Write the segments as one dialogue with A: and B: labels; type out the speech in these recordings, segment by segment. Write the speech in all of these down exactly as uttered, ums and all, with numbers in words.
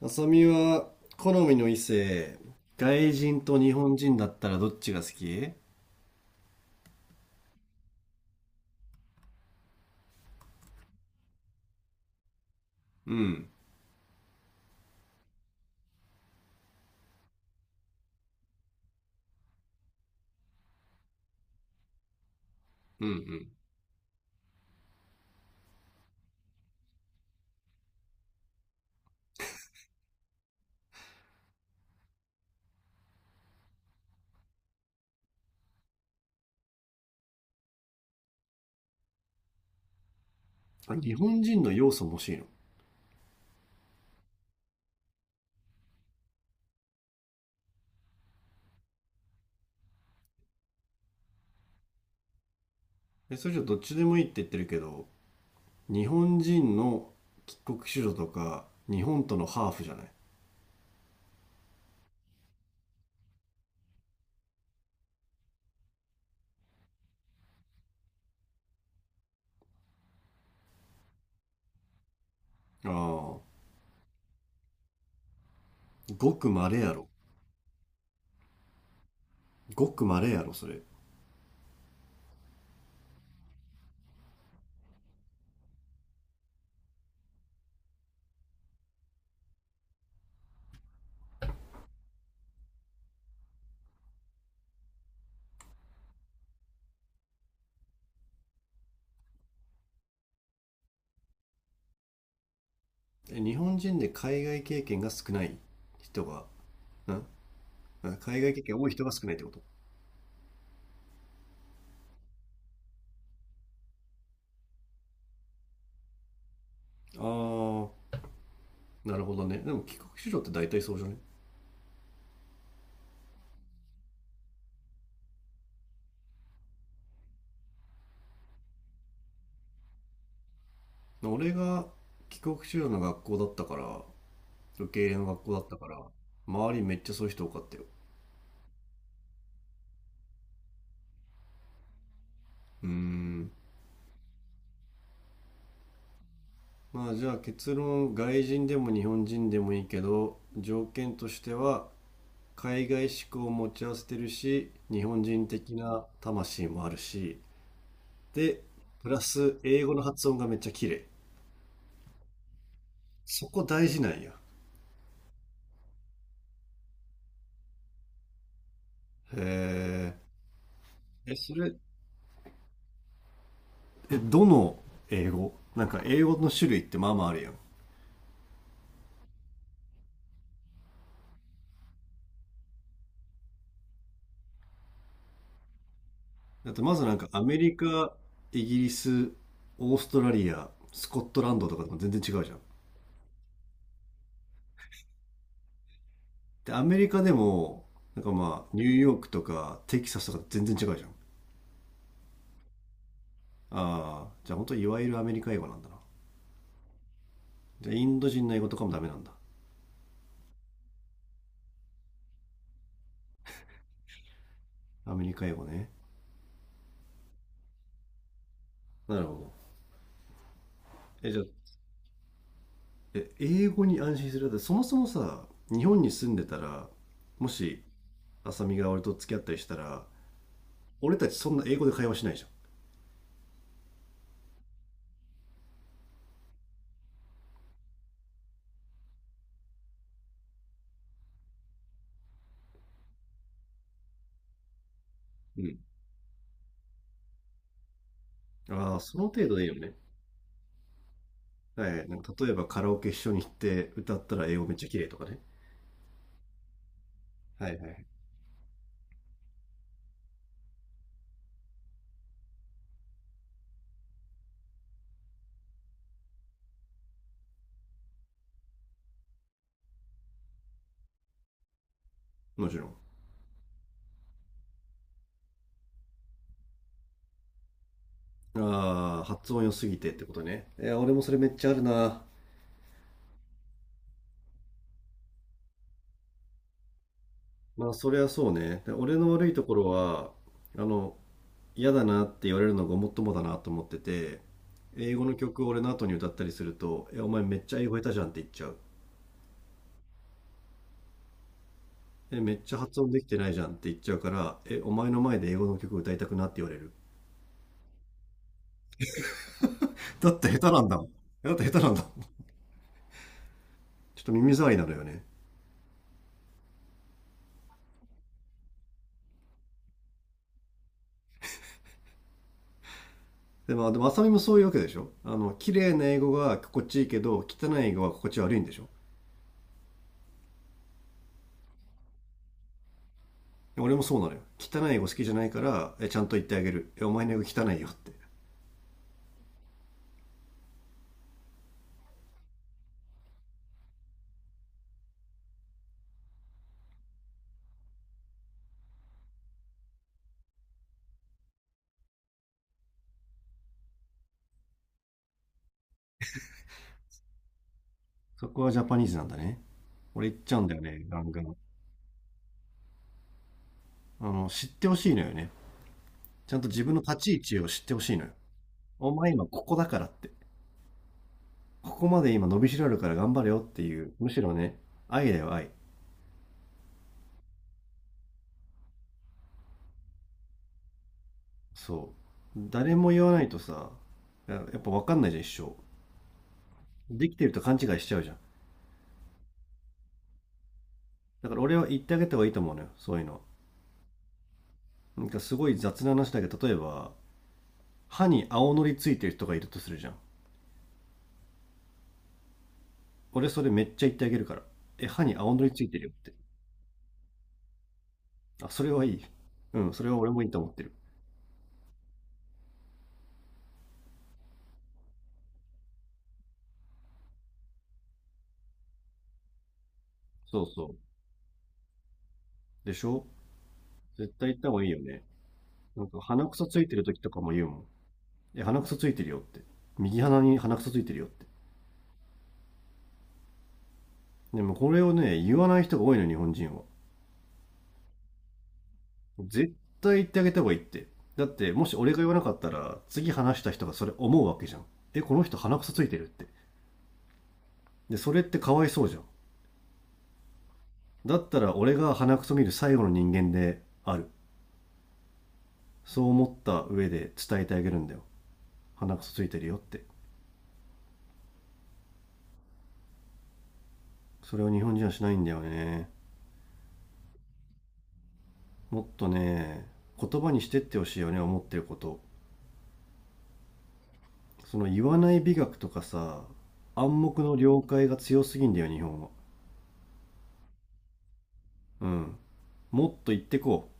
A: 浅見は好みの異性、外人と日本人だったらどっちが好き？うん、うん、あ、日本人の要素も欲しいの？え、それじゃどっちでもいいって言ってるけど、日本人の帰国子女とか、日本とのハーフじゃない？ああー、ごく稀やろ。ごく稀やろ、それ。え、日本人で海外経験が少ない人が、ん、あ、海外経験多い人が少ないってこと？ああー、なるほどね。でも帰国子女って大体そうじゃない？俺が帰国子女の学校だったから、受け入れの学校だったから、周りめっちゃそういう人多かったよ。うーん。まあじゃあ結論、外人でも日本人でもいいけど、条件としては、海外志向を持ち合わせてるし、日本人的な魂もあるし、で、プラス英語の発音がめっちゃ綺麗。そこ大事なんや。へえ。え、それ、え、どの英語？なんか英語の種類ってまあまああるやん。あとまずなんかアメリカ、イギリス、オーストラリア、スコットランドとかとも全然違うじゃん。で、アメリカでも、なんかまあ、ニューヨークとかテキサスとか全然違うじゃん。ああ、じゃあ本当いわゆるアメリカ英語なんだな。じゃあインド人の英語とかもダメなんだ。アメリカ英語ね。なるほど。え、じゃあ、え、英語に安心する？だってそもそもさ、日本に住んでたら、もし、浅見が俺と付き合ったりしたら、俺たちそんな英語で会話しないじゃん。うん。ああ、その程度でいいよね。はい。なんか例えばカラオケ一緒に行って歌ったら英語めっちゃ綺麗とかね。はいはい。もちろん。ああ、発音良すぎてってことね。いや、俺もそれめっちゃあるな。まあ、そりゃそうね。で俺の悪いところは、あの、嫌だなって言われるのがごもっともだなと思ってて、英語の曲を俺の後に歌ったりすると、え、お前めっちゃ英語下手じゃんって言っちゃう。え、めっちゃ発音できてないじゃんって言っちゃうから、え、お前の前で英語の曲歌いたくなって言われる。だって下手なんだもん。だって下手なんだもん。ちょっと耳障りなのよね。でも、でも、あさみもそういうわけでしょ？あの、綺麗な英語が心地いいけど、汚い英語は心地悪いんでしょ？俺もそうなのよ。汚い英語好きじゃないから、え、ちゃんと言ってあげる。え、お前の英語汚いよって。そこはジャパニーズなんだね。俺言っちゃうんだよね、ガンガン。あの、知ってほしいのよね。ちゃんと自分の立ち位置を知ってほしいのよ。お前今ここだからって。ここまで今伸びしろあるから頑張れよっていう。むしろね、愛だよ、愛。そう。誰も言わないとさ、ややっぱ分かんないじゃん、一生。できてると勘違いしちゃうじゃん。だから俺は言ってあげた方がいいと思うのよ、そういうの。なんかすごい雑な話だけど、例えば歯に青のりついてる人がいるとするじゃん。俺それめっちゃ言ってあげるから、え、歯に青のりついてるよって。あ、それはいい。うん、それは俺もいいと思ってる。そうそうでしょ？絶対言った方がいいよね。なんか鼻くそついてる時とかも言うもん。え、鼻くそついてるよって。右鼻に鼻くそついてるよって。でもこれをね、言わない人が多いの、日本人は。絶対言ってあげた方がいいって。だって、もし俺が言わなかったら、次話した人がそれ思うわけじゃん。え、この人鼻くそついてるって。で、それってかわいそうじゃん。だったら俺が鼻くそ見る最後の人間である。そう思った上で伝えてあげるんだよ。鼻くそついてるよって。それを日本人はしないんだよね。もっとね、言葉にしてってほしいよね、思ってること。その言わない美学とかさ、暗黙の了解が強すぎんだよ、日本は。うん。もっと言ってこう、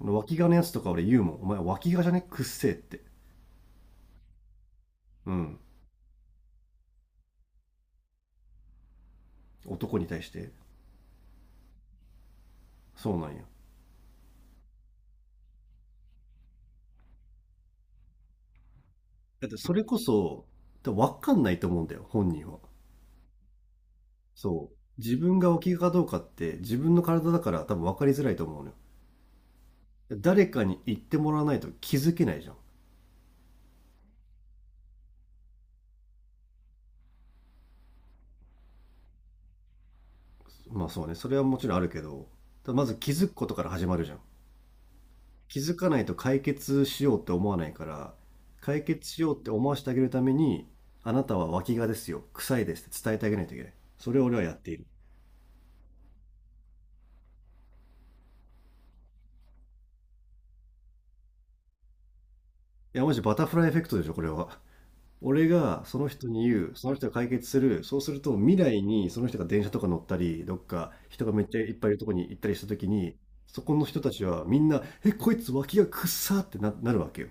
A: 脇がのやつとか俺言うもん。お前脇がじゃねくっせえって。うん。男に対して。そうなんや。だってそれこそ、多分分かんないと思うんだよ、本人は。そう。自分が脇がかどうかって自分の体だから多分分かりづらいと思うのよ。誰かに言ってもらわないと気づけないじゃん。まあそうね、それはもちろんあるけど、まず気づくことから始まるじゃん。気づかないと解決しようって思わないから、解決しようって思わせてあげるために、あなたは脇がですよ、臭いですって伝えてあげないといけない。それを俺はやっている。いや、マジバタフライエフェクトでしょ、これは。俺がその人に言う、その人が解決する、そうすると未来にその人が電車とか乗ったり、どっか人がめっちゃいっぱいいるとこに行ったりした時に、そこの人たちはみんな「え、こいつ脇がくっさ」ってななるわけよ。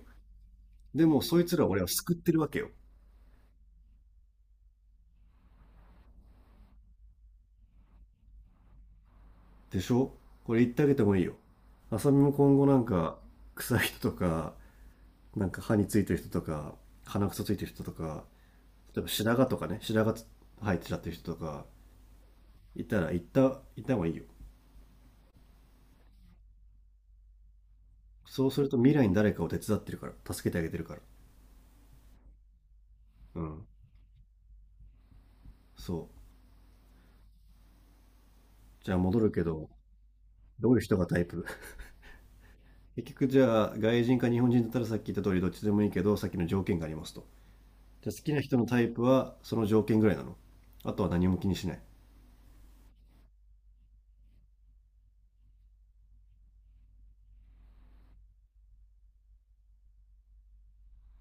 A: でもそいつらを俺は救ってるわけよ。でしょ？これ言ってあげてもいいよ。あさみも今後なんか、臭い人とか、なんか歯についてる人とか、鼻くそついてる人とか、例えば白髪とかね、白髪生えてちゃってる人とか、いたら、言った、言った方がいいよ。そうすると未来に誰かを手伝ってるから、助けてあげてるから。うん。そう。じゃあ戻るけど、どういう人がタイプ？ 結局じゃあ、外人か日本人だったらさっき言った通りどっちでもいいけど、さっきの条件がありますと。じゃあ好きな人のタイプは、その条件ぐらいなの？あとは何も気にしない？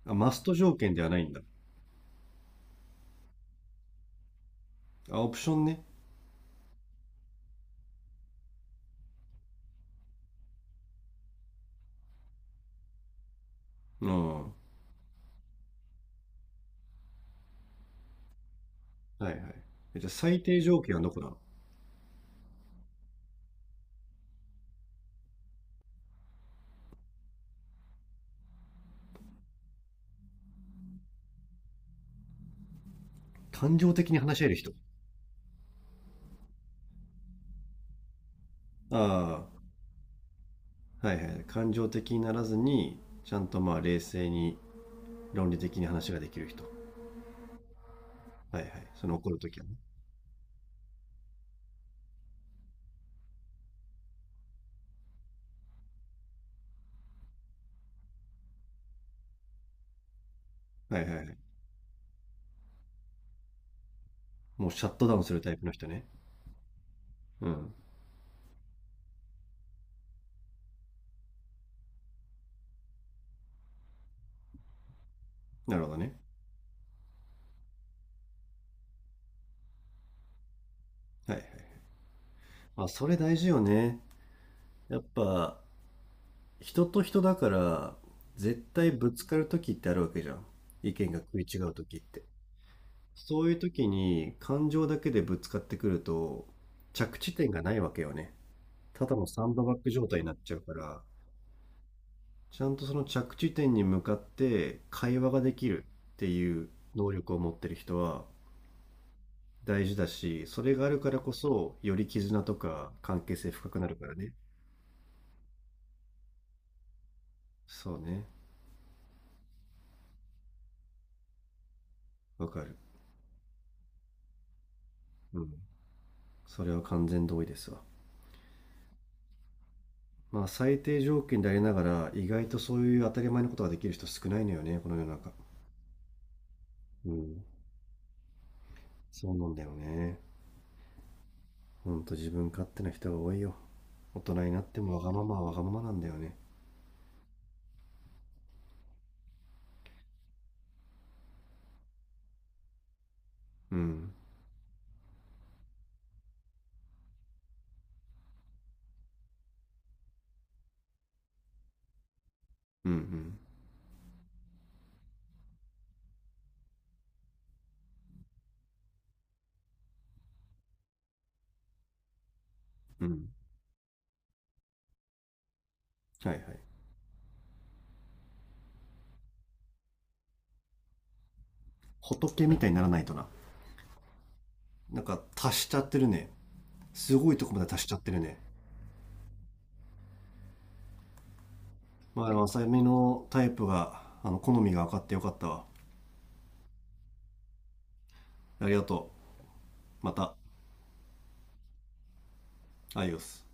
A: あ、マスト条件ではないんだ。あ、オプションね。うん。はいはい。え、じゃあ最低条件はどこだ？感情的に話し合える人。ああ、はいはい。感情的にならずに、ちゃんとまあ冷静に論理的に話ができる人。はいはい。その怒るときはね。はいはいはい。もうシャットダウンするタイプの人ね。うん。なるほどね。はいはい。まあそれ大事よね。やっぱ、人と人だから、絶対ぶつかるときってあるわけじゃん。意見が食い違うときって。そういう時に感情だけでぶつかってくると、着地点がないわけよね。ただのサンドバッグ状態になっちゃうから、ちゃんとその着地点に向かって会話ができるっていう能力を持ってる人は大事だし、それがあるからこそより絆とか関係性深くなるからね。そうね。わかる。うん。それは完全同意ですわ。まあ最低条件でありながら、意外とそういう当たり前のことができる人少ないのよね、この世の中。うん。そうなんだよね。ほんと自分勝手な人が多いよ。大人になってもわがままはわがままなんだよね。うん。うんうん。うん。はいはい。仏みたいにならないとな。なんか足しちゃってるね。すごいとこまで足しちゃってるね。まあでも、浅見のタイプが、あの、好みが分かってよかったわ。ありがとう。また、アイオス。